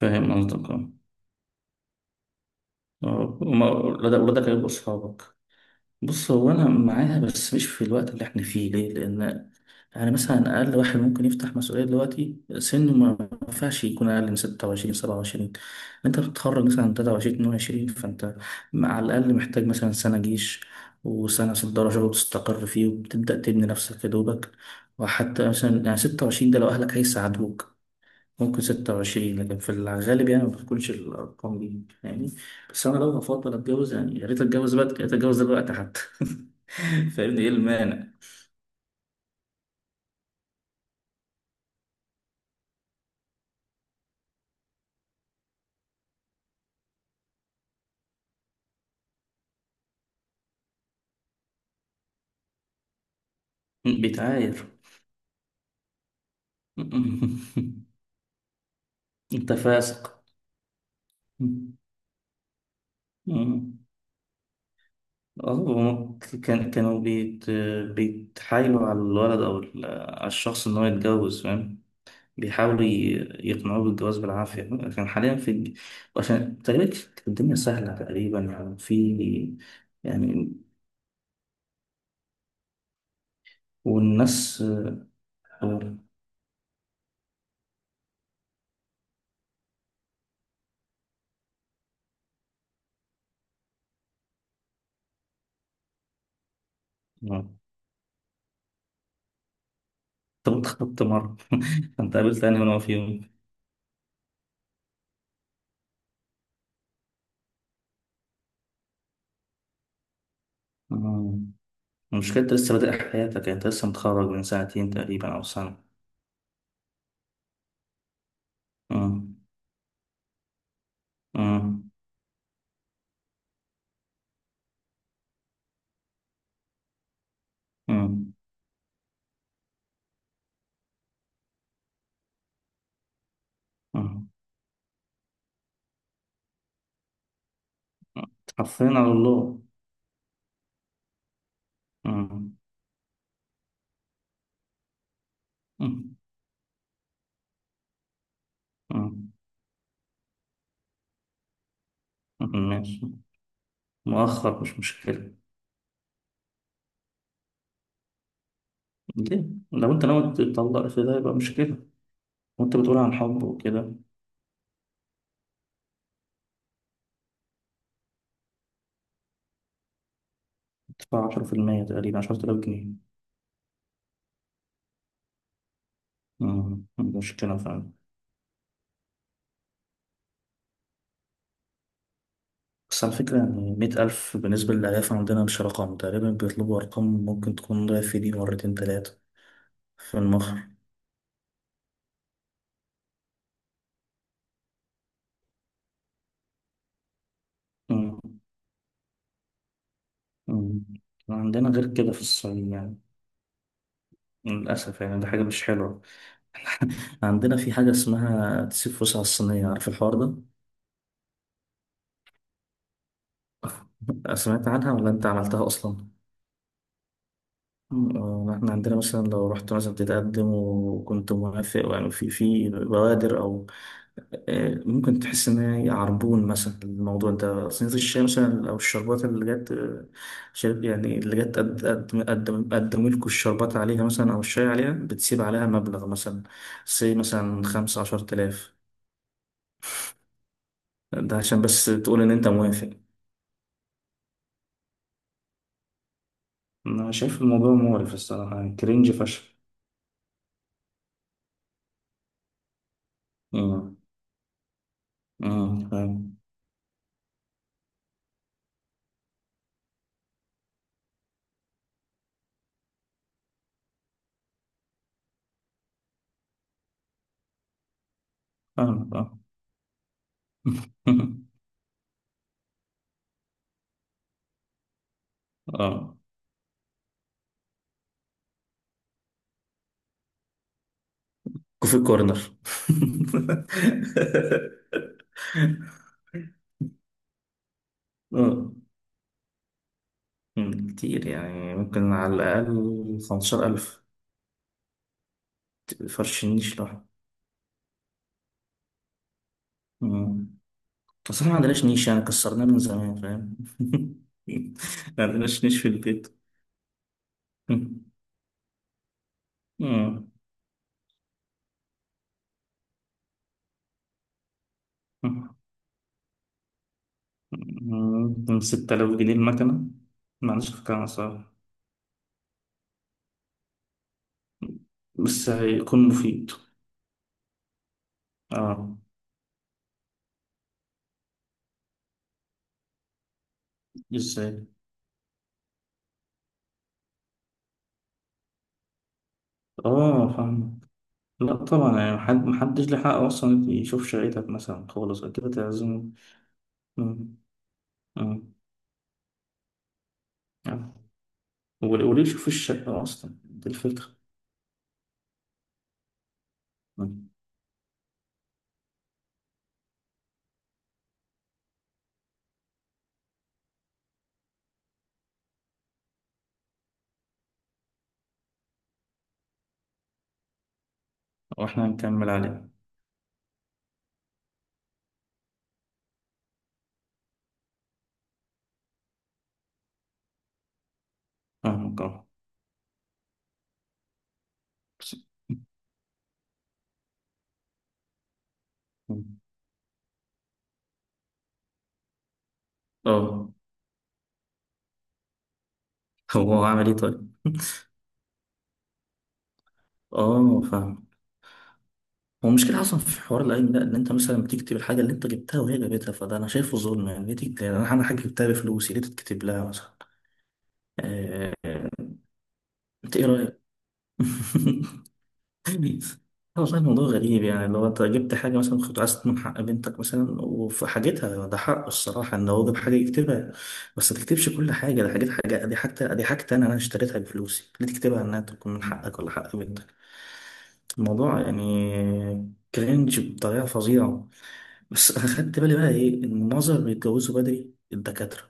فاهم قصدك اه. آه، ولا ده ولا ده كلام اصحابك. بص هو انا معاها بس مش في الوقت اللي احنا فيه، ليه؟ لان انا مثلا اقل واحد ممكن يفتح مسؤوليه دلوقتي سنه، ما ينفعش يكون اقل من 26 27. انت بتتخرج مثلا 23 22، فانت على الاقل محتاج مثلا سنه جيش وسنه صدارة شغل تستقر فيه وبتبدا تبني نفسك يا دوبك. وحتى مثلا يعني 26، ده لو اهلك هيساعدوك ممكن 26، لكن في الغالب يعني ما بتكونش الأرقام دي يعني. بس أنا لو هفضل أتجوز، يعني يا ريت أتجوز بدري، يا ريت أتجوز دلوقتي حتى. فاهمني، إيه المانع؟ بيتعاير. أنت فاسق. مم. اه هما كانوا بيتحايلوا على الولد او على الشخص ان هو يتجوز فاهم. بيحاولوا يقنعوه بالجواز بالعافيه، لكن حاليا في، عشان تقريبا كانت الدنيا سهله تقريبا، يعني في. يعني والناس. آه، آه، طب انت خطبت مرة؟ انت قابلت انهي نوع فيهم؟ آه، المشكلة انت لسه بادئ حياتك، يعني انت لسه متخرج من سنتين تقريبا او سنة. آه، آه، آه، آه. حرفيا على الله. آه، آه، آه. آه، ماشي. مؤخر مش مشكلة. ليه؟ لو انت ناوي تطلق في ده يبقى مشكلة، وانت بتقول عن حب وكده. تدفع 10% تقريبا، 10000 جنيه. آه، مشكلة فعلا. بس على فكرة، يعني 100 ألف بالنسبة للألاف عندنا مش رقم، تقريبا بيطلبوا أرقام ممكن تكون ضعف دي مرتين تلاتة. في المخر. مم. مم. عندنا غير كده في الصين يعني. للأسف يعني ده حاجة مش حلوة. عندنا في حاجة اسمها تسيب فلوس على الصينية، عارف الحوار ده؟ سمعت عنها ولا أنت عملتها أصلا؟ آه، احنا عندنا مثلا لو رحت مثلا تتقدم وكنت موافق، يعني في بوادر او. آه، ممكن تحس إن هي عربون مثلا. الموضوع ده صينية الشاي مثلا أو الشربات اللي جت آه، شرب، يعني اللي جت قدموا لكم الشربات عليها مثلا أو الشاي عليها، بتسيب عليها مبلغ مثلا سي مثلا 15000. ده عشان بس تقول إن أنت موافق. أنا شايف الموضوع مقرف الصراحة، يعني كرنج فشخ. أمم، فاهم. فاهم آه. آه. كوفي كورنر. آه. مم، كتير يعني ممكن على الأقل 15 ألف. فرش النيش لوحده. مم. أصل إحنا ما عندناش نيش يعني، كسرناه من زمان فاهم. ما عندناش نيش في البيت. مم. مم. مم. 6000 جنيه المكنة. ما عنديش فكرة عن صراحة، بس هيكون مفيد. اه. ازاي؟ اه فاهم. لا طبعا، يعني محدش له حق اصلا يشوف شقتك مثلا خالص، اكيد هتعزمه. مم. مم. آه. وليه يشوف الشقة أصلا، دي الفكرة. مم. وإحنا هنكمل عليه. فاهمك أه. بس- مم. أه. هو عمل إيه طيب؟ أه فاهم. هو المشكلة أصلا في حوار العلم ده، إن أنت مثلا بتكتب الحاجة اللي أنت جبتها وهي جابتها، فده أنا شايفه ظلم. يعني ليه تكتب، يعني أنا حاجة جبتها بفلوسي، ليه تتكتب لها مثلا؟ آه، أنت إيه رأيك؟ غريب. هو والله الموضوع غريب. يعني لو انت جبت حاجة مثلا كنت عايز تضمن حق بنتك مثلا، وفي حاجتها ده حقه الصراحة ان هو جاب حاجة يكتبها. بس ما تكتبش كل حاجة، ده حاجات، حاجة دي حاجة دي حاجة انا اشتريتها بفلوسي، ليه تكتبها انها تكون من حقك ولا حق بنتك؟ الموضوع يعني كرنج بطريقة فظيعة. بس انا خدت بالي بقى ايه، ان معظم اللي بيتجوزوا بدري الدكاترة.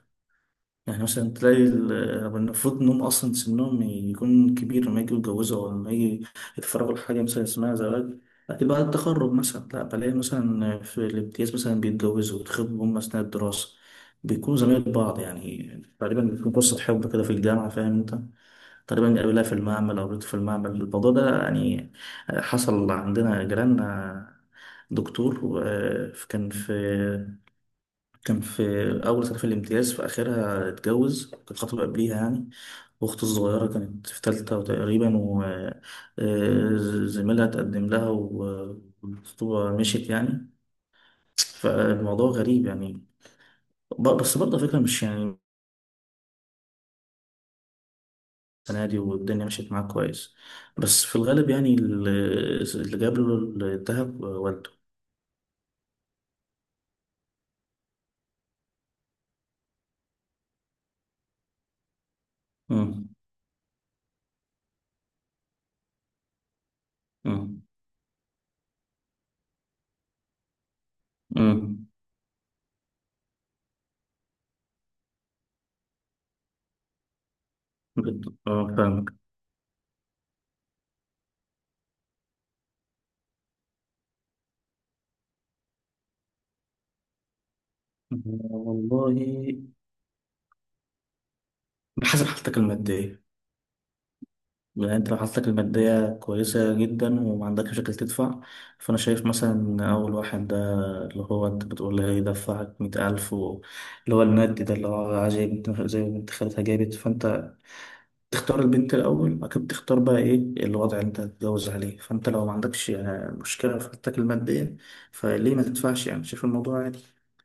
يعني مثلا تلاقي يعني المفروض إنهم أصلا سنهم يكون كبير لما يجوا يتجوزوا أو لما يجي يتفرغوا لحاجة مثلا اسمها زواج. لكن بعد التخرج مثلا لا، بلاقي مثلا في الامتياز مثلا بيتجوزوا ويتخطبوا هم أثناء الدراسة. بيكونوا زمايل بعض، يعني تقريبا بتكون قصة حب كده في الجامعة، فاهم أنت. تقريبا قابلها في المعمل أو قابلته في المعمل، الموضوع ده يعني حصل عندنا جيراننا. دكتور آه، كان في أول سنة في الامتياز، في آخرها اتجوز، كانت خطبة قبليها يعني. وأخته الصغيرة كانت في تالتة تقريبا، وزميلها تقدم لها والخطوبة مشيت يعني. فالموضوع غريب يعني. بس برضه على فكرة، مش يعني السنة دي والدنيا مشيت معاه كويس. بس في الغالب يعني اللي جاب له الذهب والده. مم. مم. مم. اه فاهمك. والله بحسب حالتك المادية. يعني انت لو حالتك المادية كويسة جدا وما عندكش مشاكل تدفع، فأنا شايف مثلا إن أول واحد ده، اللي هو أنت بتقول لي هيدفعك 100 ألف اللي هو المادي، ده اللي هو عايز زي ما بنت خالتها جابت. فأنت تختار البنت الأول، بعد كده بتختار بقى إيه الوضع اللي أنت هتتجوز عليه. فأنت لو ما عندكش آه، مشكلة في حالتك المادية، فليه ما تدفعش؟ يعني شايف الموضوع عادي.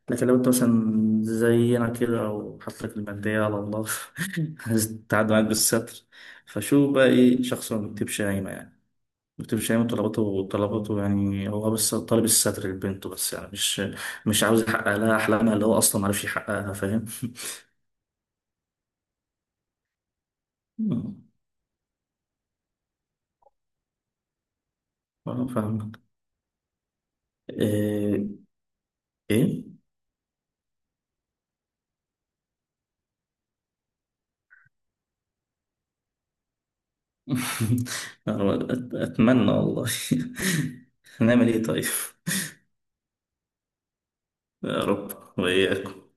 لكن لو أنت مثلا زينا كده أو حالتك المادية على الله، هتتعدى معاك بالستر. فشو بقى إيه، شخص ما بيكتبش قايمة يعني، ما بيكتبش قايمة طلباته، طلباته يعني هو بس طالب الستر لبنته بس، يعني مش عاوز يحقق لها أحلامها اللي هو أصلا ما عرفش يحققها، فاهم؟ آه، فاهمك. إيه؟ إيه؟ يا رب، أتمنى والله. هنعمل إيه طيب؟ يا رب. وإياك.